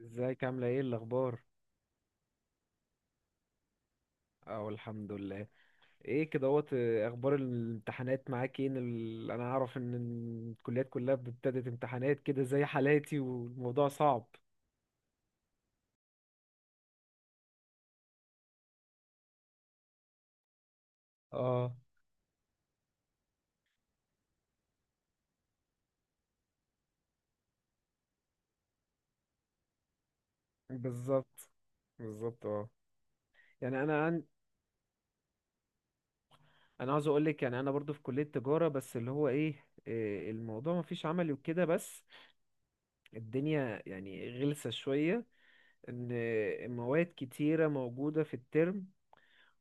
ازيك عاملة ايه الأخبار؟ اه، الحمد لله. ايه كدهوت، أخبار الامتحانات معاك ايه؟ أنا أعرف إن الكليات كلها ابتدت امتحانات كده زي حالاتي والموضوع صعب. اه، بالظبط. بالظبط، اه. يعني أنا عاوز أقولك، يعني أنا برضو في كلية تجارة، بس اللي هو ايه، الموضوع مفيش عملي وكده. بس الدنيا يعني غلسة شوية، إن مواد كتيرة موجودة في الترم،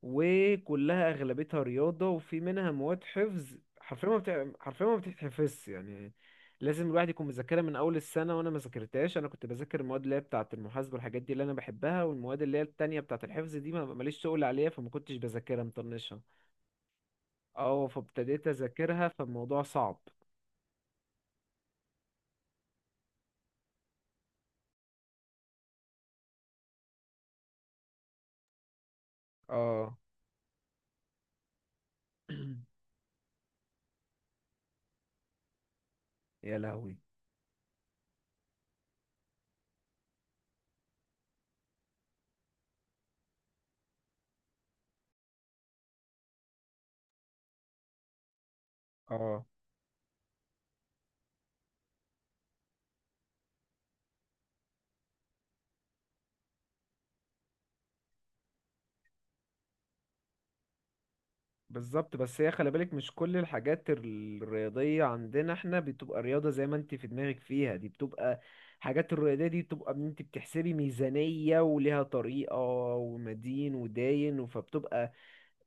وكلها اغلبيتها رياضه وفي منها مواد حفظ. حرفيا ما بتتحفظش يعني. لازم الواحد يكون مذاكرها من اول السنه، وانا ما ذاكرتهاش. انا كنت بذاكر المواد اللي هي بتاعه المحاسبه والحاجات دي اللي انا بحبها، والمواد اللي هي التانية بتاعه الحفظ دي ما ماليش شغل عليها، فما كنتش بذاكرها مطنشها. اه، فابتديت اذاكرها، فالموضوع صعب. اه. يا لهوي. اه، بالظبط. بس هي خلي بالك، مش كل الحاجات الرياضية عندنا احنا بتبقى رياضة زي ما انت في دماغك فيها. دي بتبقى حاجات الرياضية، دي بتبقى ان انت بتحسبي ميزانية وليها طريقة ومدين وداين، فبتبقى،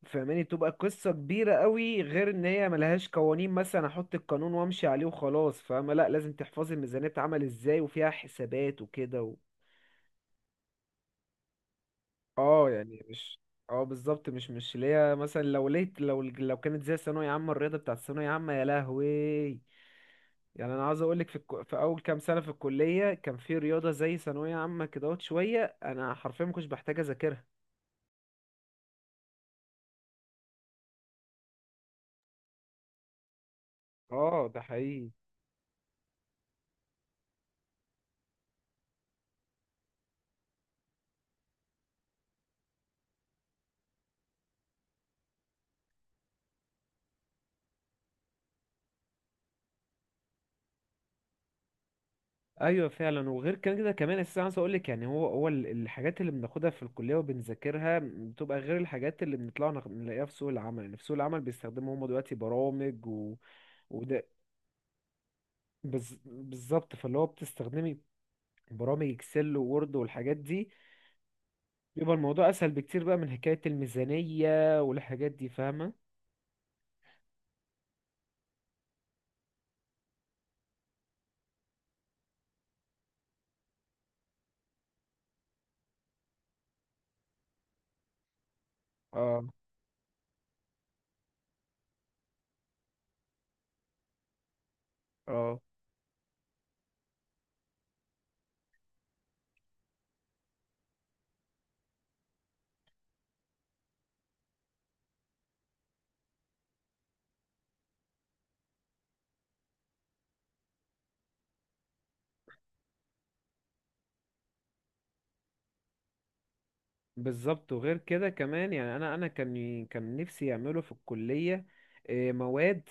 فاهماني، بتبقى قصة كبيرة قوي، غير ان هي ملهاش قوانين مثلا احط القانون وامشي عليه وخلاص. فاهمة، لا لازم تحفظي الميزانية اتعمل ازاي وفيها حسابات وكده. اه يعني مش. اه، بالظبط، مش اللي هي، مثلا، لو ليت لو لو كانت زي ثانوية عامة، الرياضة بتاعت ثانوية عامة، يا لهوي. يعني انا عاوز اقول لك، في اول كام سنة في الكلية كان في رياضة زي ثانوية عامة كده، اهوت شوية، انا حرفيا ما كنتش بحتاج اذاكرها. اه، ده حقيقي. ايوه فعلا. وغير كده كمان، اساسا عايز اقول لك يعني الحاجات اللي بناخدها في الكليه وبنذاكرها بتبقى غير الحاجات اللي بنطلع نلاقيها في سوق العمل. يعني في سوق العمل بيستخدموا هم دلوقتي برامج و... بالظبط، فاللي هو بتستخدمي برامج اكسل وورد والحاجات دي، بيبقى الموضوع اسهل بكتير بقى من حكاية الميزانية والحاجات دي، فاهمة. اه. اه، بالظبط. وغير كده كمان يعني انا كان نفسي يعملوا في الكلية مواد،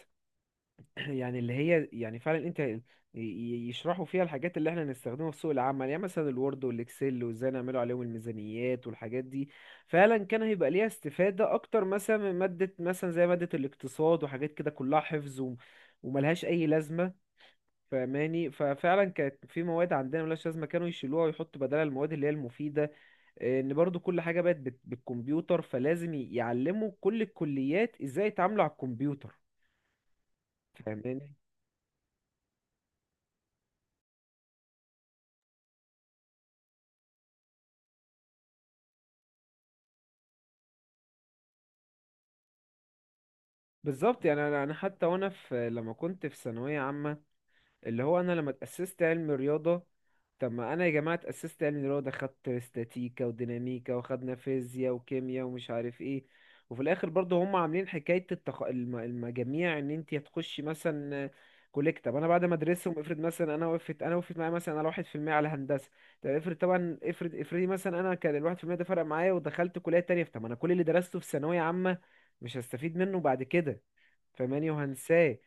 يعني اللي هي يعني فعلا انت يشرحوا فيها الحاجات اللي احنا نستخدمها في سوق العمل، يعني مثلا الوورد والاكسل وازاي نعملوا عليهم الميزانيات والحاجات دي. فعلا كان هيبقى ليها استفادة اكتر مثلا من مادة، مثلا زي مادة الاقتصاد وحاجات كده كلها حفظ وملهاش اي لازمة، فاهماني. ففعلا كانت في مواد عندنا ملهاش لازمة، كانوا يشيلوها ويحطوا بدلها المواد اللي هي المفيدة. اه، ان برضو كل حاجة بقت بالكمبيوتر، فلازم يعلموا كل الكليات ازاي يتعاملوا على الكمبيوتر، فاهماني. بالظبط، يعني أنا حتى وانا في، لما كنت في ثانويه عامه، اللي هو انا لما اتاسست علم رياضه. طب ما انا يا جماعه اتاسست علم رياضه، خدت استاتيكا وديناميكا وخدنا فيزياء وكيمياء ومش عارف ايه. وفي الاخر برضه هم عاملين حكايه المجاميع، ان انت هتخشي مثلا كليه طب. انا بعد ما ادرسهم، افرض مثلا، انا وقفت معايا مثلا على 1% على هندسه. طب افرض، طبعا، افرضي مثلا انا كان ال 1% ده فرق معايا ودخلت كليه تانية. طب ما انا كل اللي درسته في ثانويه عامه مش هستفيد منه بعد كده، فاهماني، وهنساه.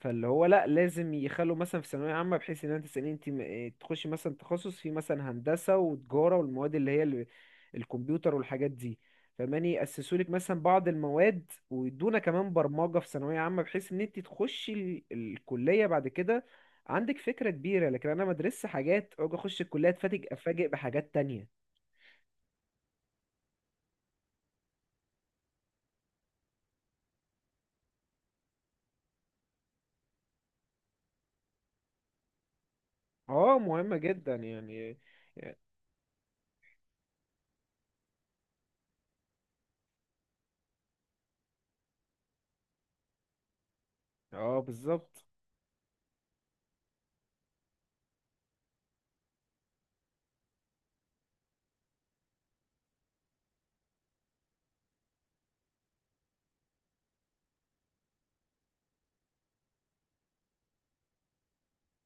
فاللي هو لا، لازم يخلوا مثلا في ثانوية عامة بحيث ان انت تسألين انت م- إيه تخشي مثلا تخصص في مثلا هندسة وتجارة، والمواد اللي هي الكمبيوتر والحاجات دي، فاهماني. يأسسوا لك مثلا بعض المواد، ويدونا كمان برمجة في ثانوية عامة، بحيث ان انت تخشي الكلية بعد كده عندك فكرة كبيرة. لكن انا مدرسة حاجات، اجي اخش الكلية، افاجئ بحاجات تانية. اه، مهمة جدا يعني. يعني، اه، بالظبط.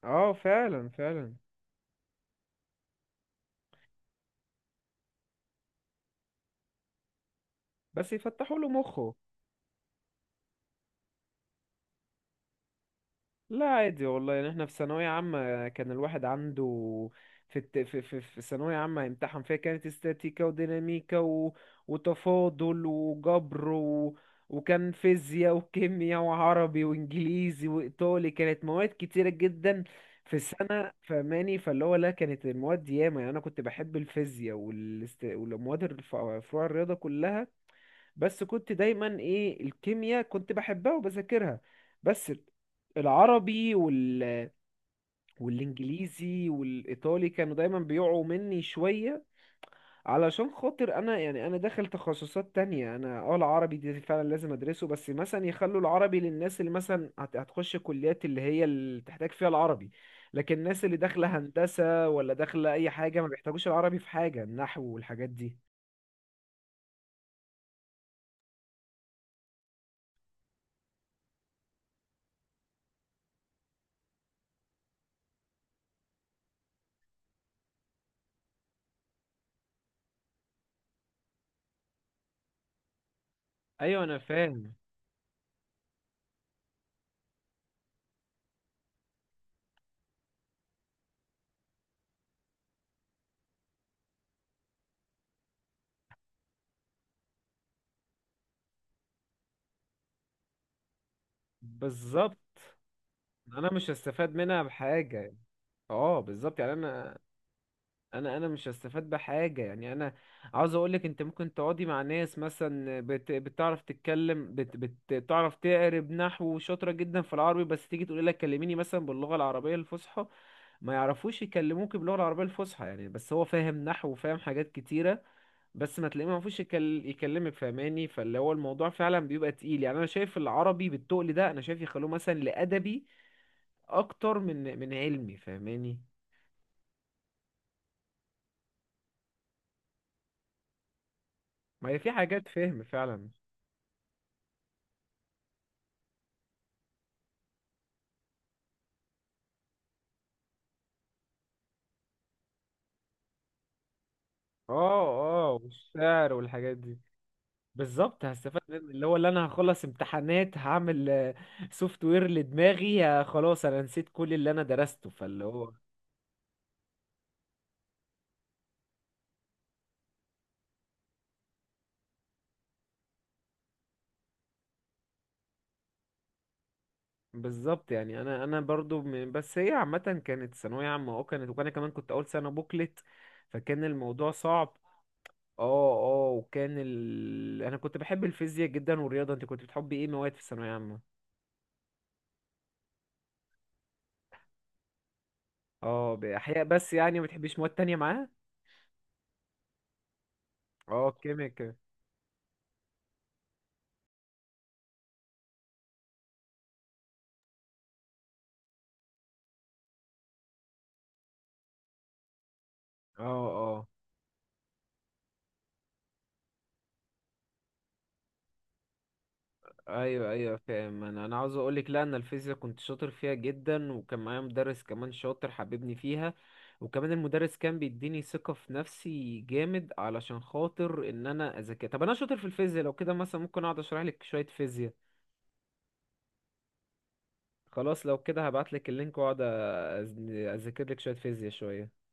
اه فعلا، فعلا. بس يفتحوا له مخه. لا عادي والله، يعني احنا في ثانوية عامة كان الواحد عنده، في الت... في في في ثانوية عامة امتحن فيها، كانت استاتيكا وديناميكا و... وتفاضل وجبر و... وكان فيزياء وكيمياء وعربي وانجليزي وايطالي. كانت مواد كتيرة جدا في السنة فماني. فاللي هو لا، كانت المواد ياما. يعني انا كنت بحب الفيزياء فروع الرياضة كلها، بس كنت دايما ايه، الكيمياء كنت بحبها وبذاكرها. بس العربي وال... والانجليزي والايطالي كانوا دايما بيقعوا مني شوية، علشان خاطر انا، يعني انا داخل تخصصات تانية، انا اه، العربي دي فعلا لازم ادرسه، بس مثلا يخلوا العربي للناس اللي مثلا هتخش كليات اللي هي اللي تحتاج فيها العربي، لكن الناس اللي داخلة هندسة، ولا داخلة اي حاجة، ما بيحتاجوش العربي في حاجة النحو والحاجات دي. ايوه انا فاهم. بالظبط، انا مش هستفاد منها بحاجه. اه بالظبط، يعني انا، انا مش هستفاد بحاجه، يعني انا عاوز اقولك، انت ممكن تقعدي مع ناس مثلا بتعرف تتكلم، بتعرف تقرب نحو، شاطره جدا في العربي، بس تيجي تقولي لك كلميني مثلا باللغه العربيه الفصحى، ما يعرفوش يكلموك باللغه العربيه الفصحى يعني، بس هو فاهم نحو وفاهم حاجات كتيره، بس ما تلاقيه ما يعرفوش يكلمك، فاهماني. فاللي هو الموضوع فعلا بيبقى تقيل. يعني انا شايف العربي بالتقل ده، انا شايف يخلوه مثلا لادبي اكتر من علمي، فاهماني. ما هي في حاجات فهم فعلا. اه. اه، والشعر والحاجات دي بالظبط، هستفاد من اللي هو، اللي انا هخلص امتحانات هعمل سوفت وير لدماغي. خلاص، انا نسيت كل اللي انا درسته، فاللي هو بالظبط. يعني انا برضو بس هي عامه، كانت ثانويه عامه، اه كانت، وانا كمان كنت اول سنه بوكلت، فكان الموضوع صعب. اه. اه وكان ال... انا كنت بحب الفيزياء جدا والرياضه. انت كنت بتحبي ايه مواد في الثانويه عامه؟ اه، بأحياء بس، يعني ما بتحبيش مواد تانية معاه؟ اه كيميكا. اه. اه، ايوه ايوه فاهم. انا عاوز اقولك، لا انا الفيزياء كنت شاطر فيها جدا، وكان معايا مدرس كمان شاطر حببني فيها، وكمان المدرس كان بيديني ثقة في نفسي جامد، علشان خاطر ان انا اذاكر. طب انا شاطر في الفيزياء، لو كده مثلا ممكن اقعد اشرح لك شوية فيزياء. خلاص، لو كده هبعت لك اللينك واقعد اذاكر لك شوية فيزياء شوية.